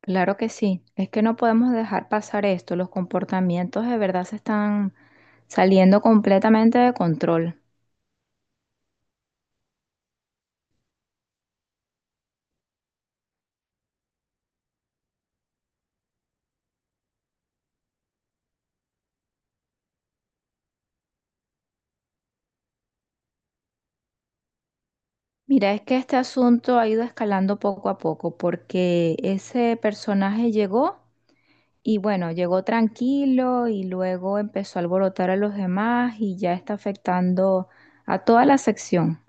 Claro que sí, es que no podemos dejar pasar esto, los comportamientos de verdad se están saliendo completamente de control. Mira, es que este asunto ha ido escalando poco a poco porque ese personaje llegó y bueno, llegó tranquilo y luego empezó a alborotar a los demás y ya está afectando a toda la sección.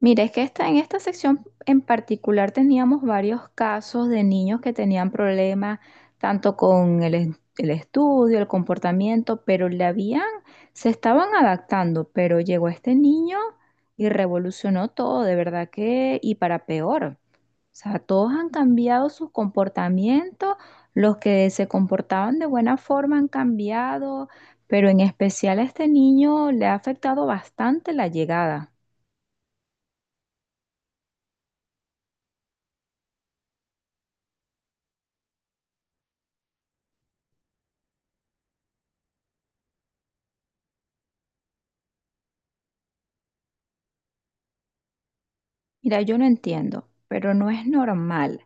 Mira, es que en esta sección en particular teníamos varios casos de niños que tenían problemas tanto con el estudio, el comportamiento, pero se estaban adaptando, pero llegó este niño y revolucionó todo, de verdad que, y para peor. O sea, todos han cambiado sus comportamientos, los que se comportaban de buena forma han cambiado, pero en especial a este niño le ha afectado bastante la llegada. Mira, yo no entiendo, pero no es normal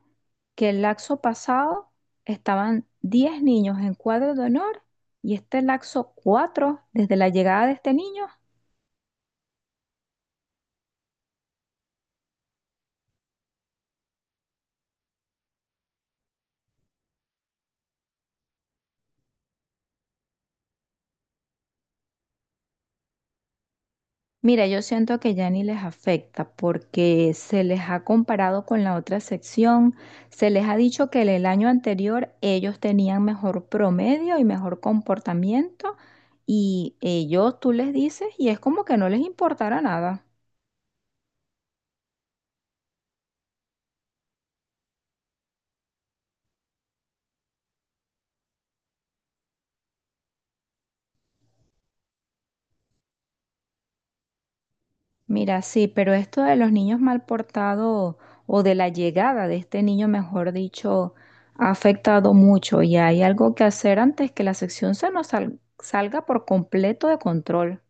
que el laxo pasado estaban 10 niños en cuadro de honor y este laxo 4 desde la llegada de este niño. Mira, yo siento que ya ni les afecta porque se les ha comparado con la otra sección, se les ha dicho que en el año anterior ellos tenían mejor promedio y mejor comportamiento y ellos tú les dices y es como que no les importara nada. Mira, sí, pero esto de los niños mal portados o de la llegada de este niño, mejor dicho, ha afectado mucho y hay algo que hacer antes que la sección se nos salga por completo de control.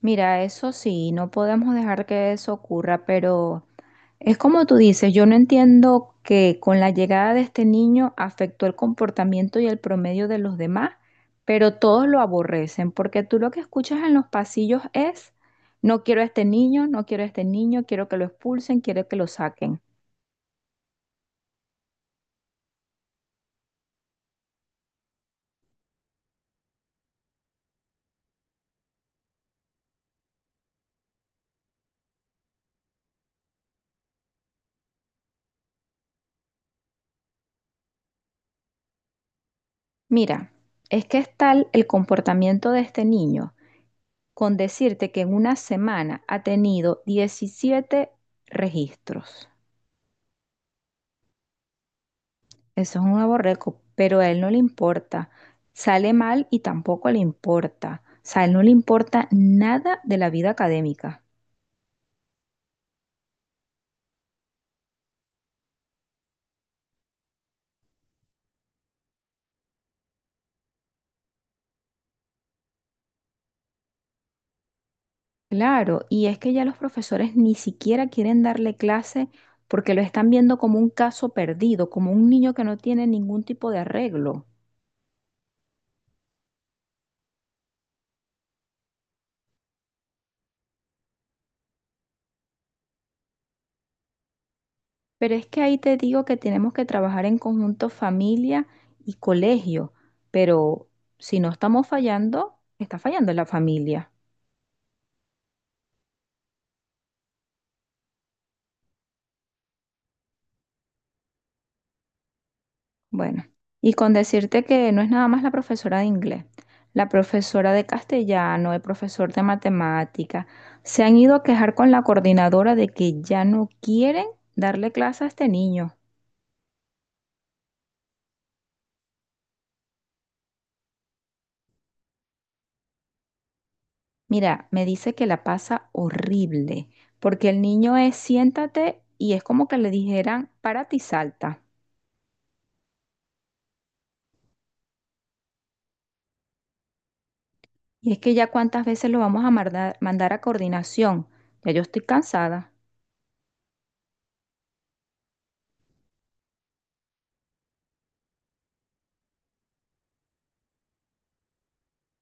Mira, eso sí, no podemos dejar que eso ocurra, pero es como tú dices. Yo no entiendo que con la llegada de este niño afectó el comportamiento y el promedio de los demás, pero todos lo aborrecen, porque tú lo que escuchas en los pasillos es: no quiero a este niño, no quiero a este niño, quiero que lo expulsen, quiero que lo saquen. Mira, es que es tal el comportamiento de este niño, con decirte que en una semana ha tenido 17 registros. Eso es un aborreco, pero a él no le importa. Sale mal y tampoco le importa. O sea, a él no le importa nada de la vida académica. Claro, y es que ya los profesores ni siquiera quieren darle clase porque lo están viendo como un caso perdido, como un niño que no tiene ningún tipo de arreglo. Pero es que ahí te digo que tenemos que trabajar en conjunto familia y colegio, pero si no estamos fallando, está fallando la familia. Bueno, y con decirte que no es nada más la profesora de inglés, la profesora de castellano, el profesor de matemática, se han ido a quejar con la coordinadora de que ya no quieren darle clase a este niño. Mira, me dice que la pasa horrible, porque el niño es siéntate y es como que le dijeran párate y salta. Y es que ya cuántas veces lo vamos a mandar a coordinación, ya yo estoy cansada.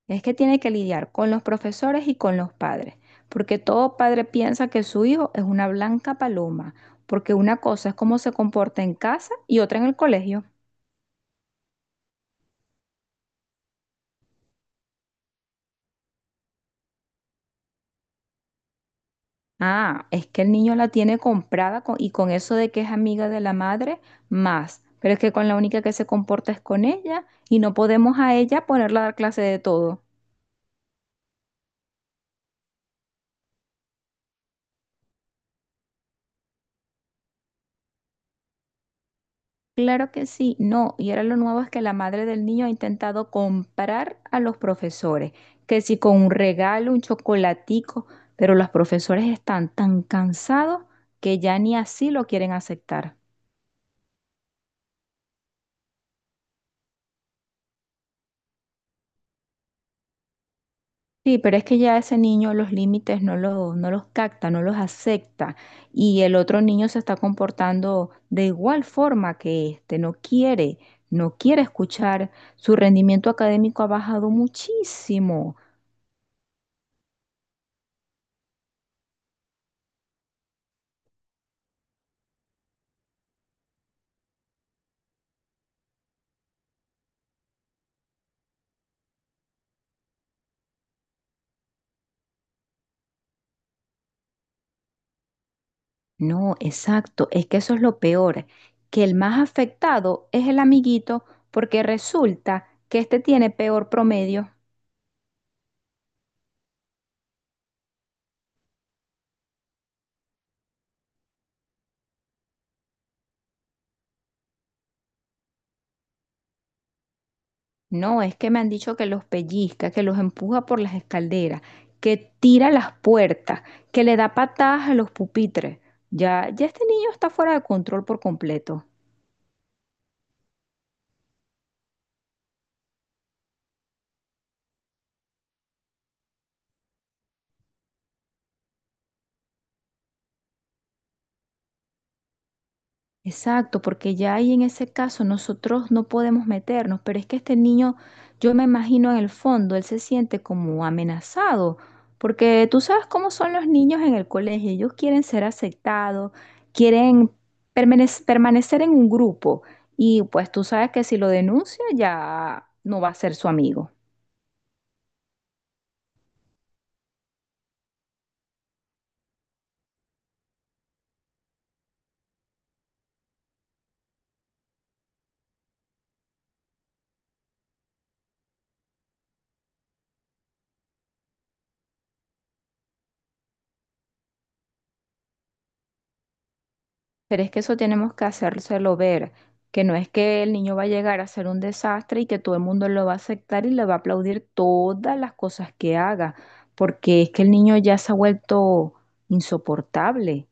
Es que tiene que lidiar con los profesores y con los padres, porque todo padre piensa que su hijo es una blanca paloma, porque una cosa es cómo se comporta en casa y otra en el colegio. Ah, es que el niño la tiene comprada con eso de que es amiga de la madre, más, pero es que con la única que se comporta es con ella y no podemos a ella ponerla a dar clase de todo. Claro que sí, no, y ahora lo nuevo es que la madre del niño ha intentado comprar a los profesores, que si con un regalo, un chocolatico, pero los profesores están tan cansados que ya ni así lo quieren aceptar. Sí, pero es que ya ese niño los límites no los capta, no los acepta, y el otro niño se está comportando de igual forma que este, no quiere escuchar, su rendimiento académico ha bajado muchísimo. No, exacto, es que eso es lo peor, que el más afectado es el amiguito porque resulta que este tiene peor promedio. No, es que me han dicho que los pellizca, que los empuja por las escaleras, que tira las puertas, que le da patadas a los pupitres. Ya, ya este niño está fuera de control por completo. Exacto, porque ya ahí en ese caso nosotros no podemos meternos, pero es que este niño, yo me imagino en el fondo, él se siente como amenazado, porque tú sabes cómo son los niños en el colegio, ellos quieren ser aceptados, quieren permanecer en un grupo y pues tú sabes que si lo denuncia ya no va a ser su amigo. Pero es que eso tenemos que hacérselo ver, que no es que el niño va a llegar a ser un desastre y que todo el mundo lo va a aceptar y le va a aplaudir todas las cosas que haga, porque es que el niño ya se ha vuelto insoportable.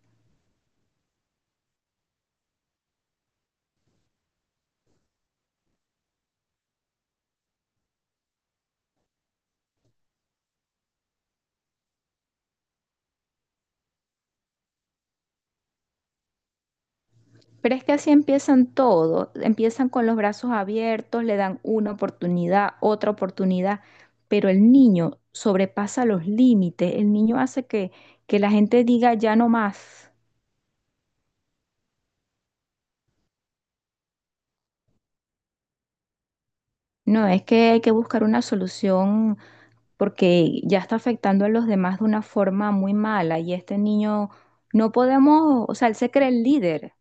Pero es que así empiezan todos, empiezan con los brazos abiertos, le dan una oportunidad, otra oportunidad, pero el niño sobrepasa los límites, el niño hace que la gente diga ya no más. No, es que hay que buscar una solución porque ya está afectando a los demás de una forma muy mala y este niño no podemos, o sea, él se cree el líder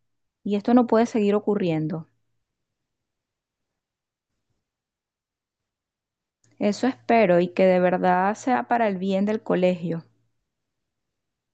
y esto no puede seguir ocurriendo. Eso espero y que de verdad sea para el bien del colegio.